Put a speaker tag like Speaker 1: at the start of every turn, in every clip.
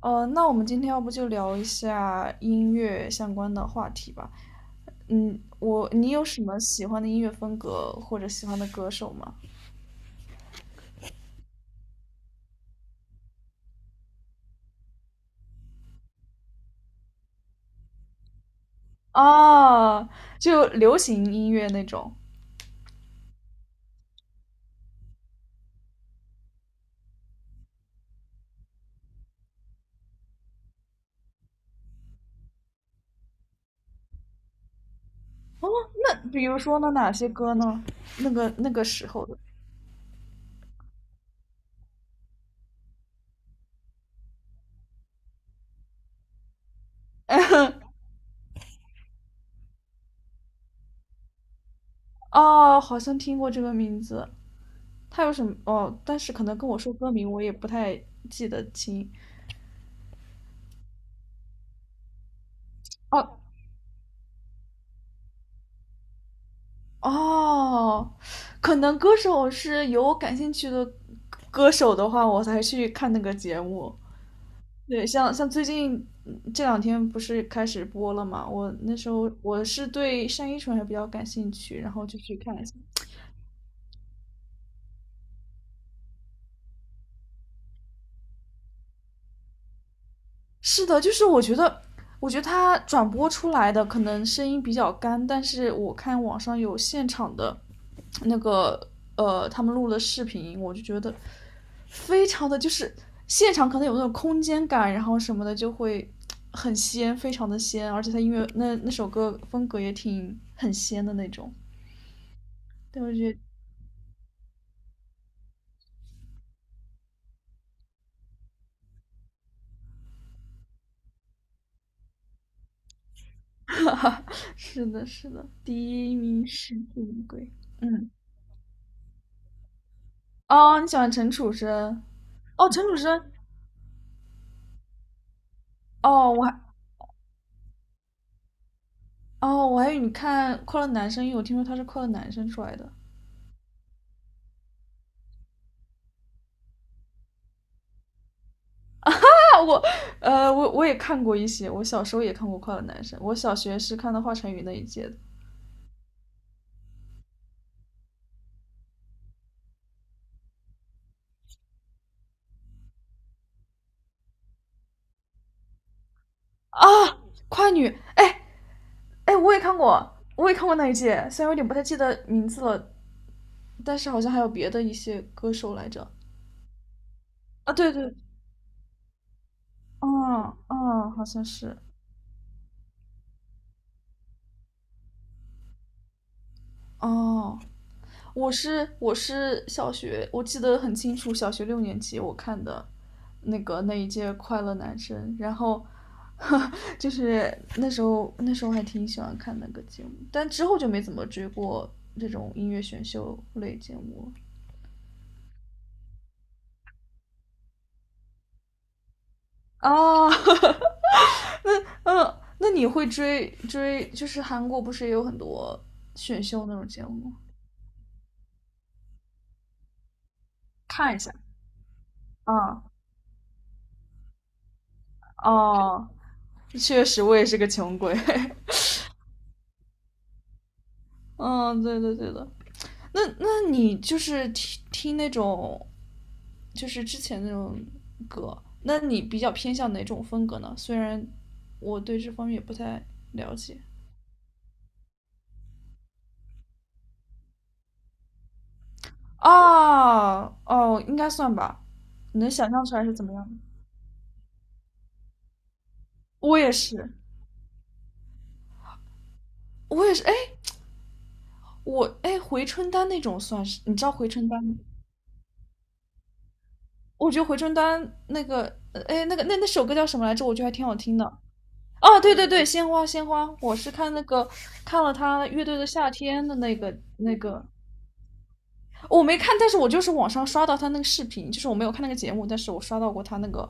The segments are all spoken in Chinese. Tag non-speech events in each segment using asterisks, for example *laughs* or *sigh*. Speaker 1: 那我们今天要不就聊一下音乐相关的话题吧。嗯，你有什么喜欢的音乐风格或者喜欢的歌手吗？啊，就流行音乐那种。哦，那比如说呢，哪些歌呢？那个时候的。*laughs* 哦，好像听过这个名字。他有什么？哦，但是可能跟我说歌名，我也不太记得清。哦，哦，可能歌手是有我感兴趣的歌手的话，我才去看那个节目。对，像最近这两天不是开始播了嘛？我那时候是对单依纯还比较感兴趣，然后就去看一下。是的，我觉得他转播出来的可能声音比较干，但是我看网上有现场的那个他们录的视频，我就觉得非常的就是现场可能有那种空间感，然后什么的就会很仙，非常的仙，而且他音乐那首歌风格也挺很仙的那种。对，我觉得 *laughs* 是的，是的，第一名是乌龟。嗯，哦，你喜欢陈楚生？哦，陈楚生，哦，我还，哦，我还以为你看《快乐男生》，因为我听说他是快乐男生出来的。*laughs* 啊，我，我也看过一些，我小时候也看过《快乐男生》，我小学是看到华晨宇那一届的。啊，快女，哎哎，我也看过，我也看过那一届，虽然有点不太记得名字了，但是好像还有别的一些歌手来着。啊，对对，嗯嗯，好像是。哦，我是小学，我记得很清楚，小学六年级我看的那一届《快乐男生》，然后 *laughs* 就是那时候还挺喜欢看那个节目，但之后就没怎么追过这种音乐选秀类节目了。哦，*laughs* 那那你会追追？就是韩国不是也有很多选秀那种节目吗？看一下，啊嗯哦，确实我也是个穷鬼。*laughs* 嗯，对对对的。那你就是听听那种就是之前那种歌，那你比较偏向哪种风格呢？虽然我对这方面也不太了解。啊哦，应该算吧。你能想象出来是怎么样的？我也是，我也是。哎，我哎，回春丹那种算是，你知道回春丹吗？我觉得回春丹那个，哎，那那首歌叫什么来着？我觉得还挺好听的。哦，对对对，鲜花鲜花，我是看那个看了他乐队的夏天的那个，我没看，但是我就是网上刷到他那个视频，就是我没有看那个节目，但是我刷到过他那个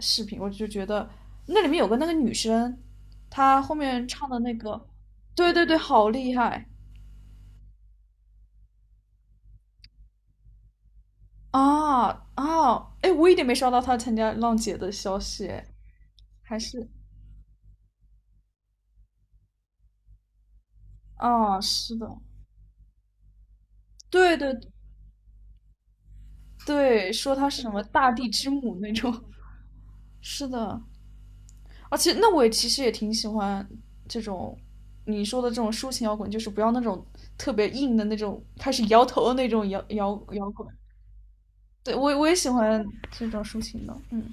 Speaker 1: 视频，我就觉得那里面有个那个女生，她后面唱的那个，对对对，好厉害。啊啊，哎，我一点没刷到他参加浪姐的消息，哎还是啊，是的，对对对，说他是什么大地之母那种，*laughs* 是的，而且那我也其实也挺喜欢这种你说的这种抒情摇滚，就是不要那种特别硬的那种开始摇头的那种摇滚，对我也喜欢这种抒情的，嗯。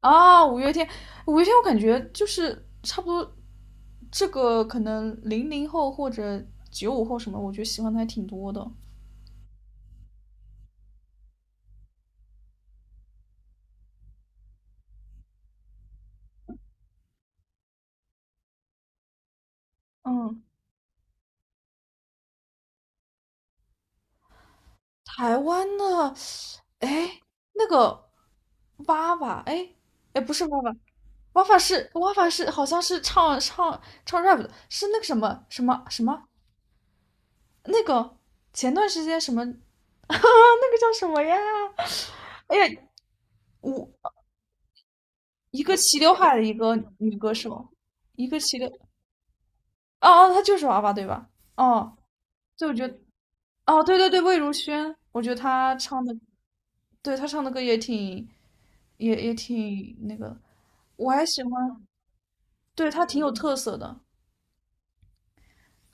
Speaker 1: 啊，五月天，五月天，我感觉就是差不多这个可能00后或者95后什么，我觉得喜欢的还挺多的。嗯，台湾的，哎，那个娃娃，哎，哎，不是娃娃，娃娃是好像是唱 rap 的，是那个什么什么什么那个前段时间什么， *laughs*，那个叫什么呀？哎呀，我一个齐刘海的一个女歌手，一个齐刘，哦哦，她就是娃娃对吧？哦，对，我觉得哦，对对对，魏如萱，我觉得她唱的，对她唱的歌也挺，也也挺那个，我还喜欢，对她挺有特色的，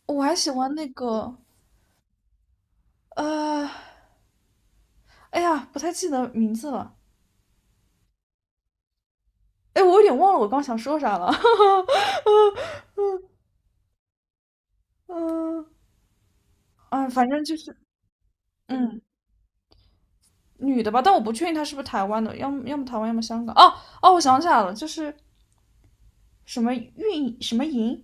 Speaker 1: 我还喜欢那个，呃，哎呀，不太记得名字了，哎，我有点忘了我刚想说啥了，*laughs* 嗯、啊，反正就是，嗯，女的吧，但我不确定她是不是台湾的，要么台湾，要么香港，哦哦，我想起来了，就是什么运什么莹，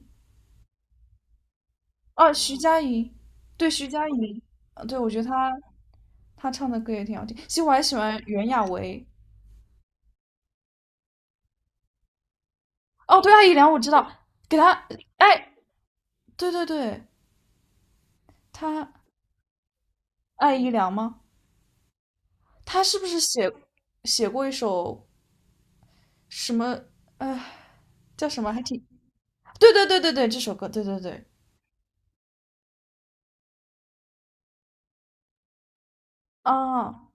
Speaker 1: 啊，徐佳莹，对，徐佳莹，啊对，我觉得她。他唱的歌也挺好听。其实我还喜欢袁娅维。哦，对，艾姨良我知道，给他，哎，对对对，他爱姨良吗？他是不是写过一首什么？呃，叫什么？还挺……对对对对对，这首歌，对对对，啊，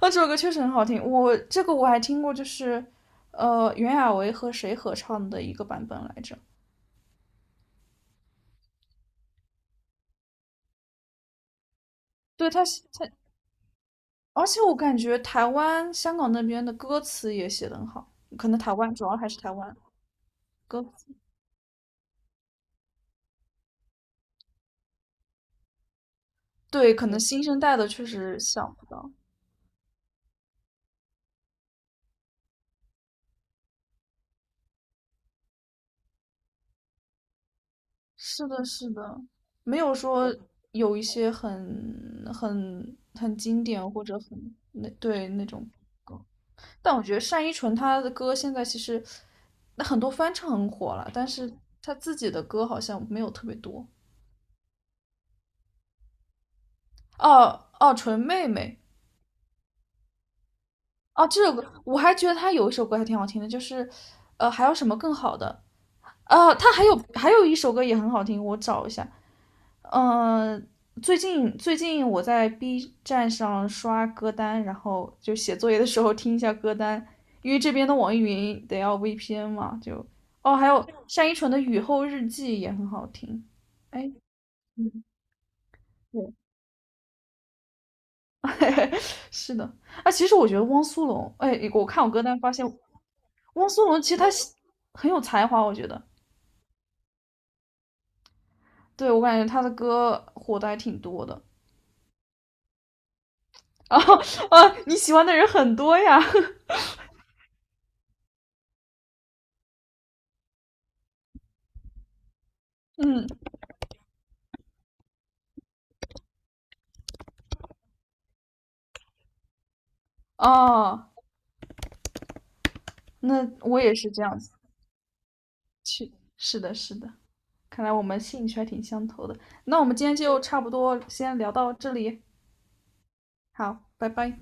Speaker 1: 那这首歌确实很好听。我这个我还听过，就是袁娅维和谁合唱的一个版本来着？对，他写他，而且我感觉台湾、香港那边的歌词也写得很好，可能台湾主要还是台湾歌词。对，可能新生代的确实想不到。是的，是的，没有说有一些很经典或者很那对那种歌，但我觉得单依纯她的歌现在其实那很多翻唱很火了，但是她自己的歌好像没有特别多。哦哦，纯妹妹哦，这首歌我还觉得她有一首歌还挺好听的，就是还有什么更好的？她还有一首歌也很好听，我找一下。嗯，最近我在 B 站上刷歌单，然后就写作业的时候听一下歌单，因为这边的网易云得要 VPN 嘛，就哦，还有单依纯的《雨后日记》也很好听。哎，嗯，对，*laughs* 是的。啊，其实我觉得汪苏泷，哎，我看我歌单发现汪苏泷其实他写很有才华，我觉得，对，我感觉他的歌火的还挺多的。*laughs* 然后啊，你喜欢的人很多呀，*laughs* 嗯，哦。那我也是这样子去，是的，是的，看来我们兴趣还挺相投的。那我们今天就差不多先聊到这里，好，拜拜。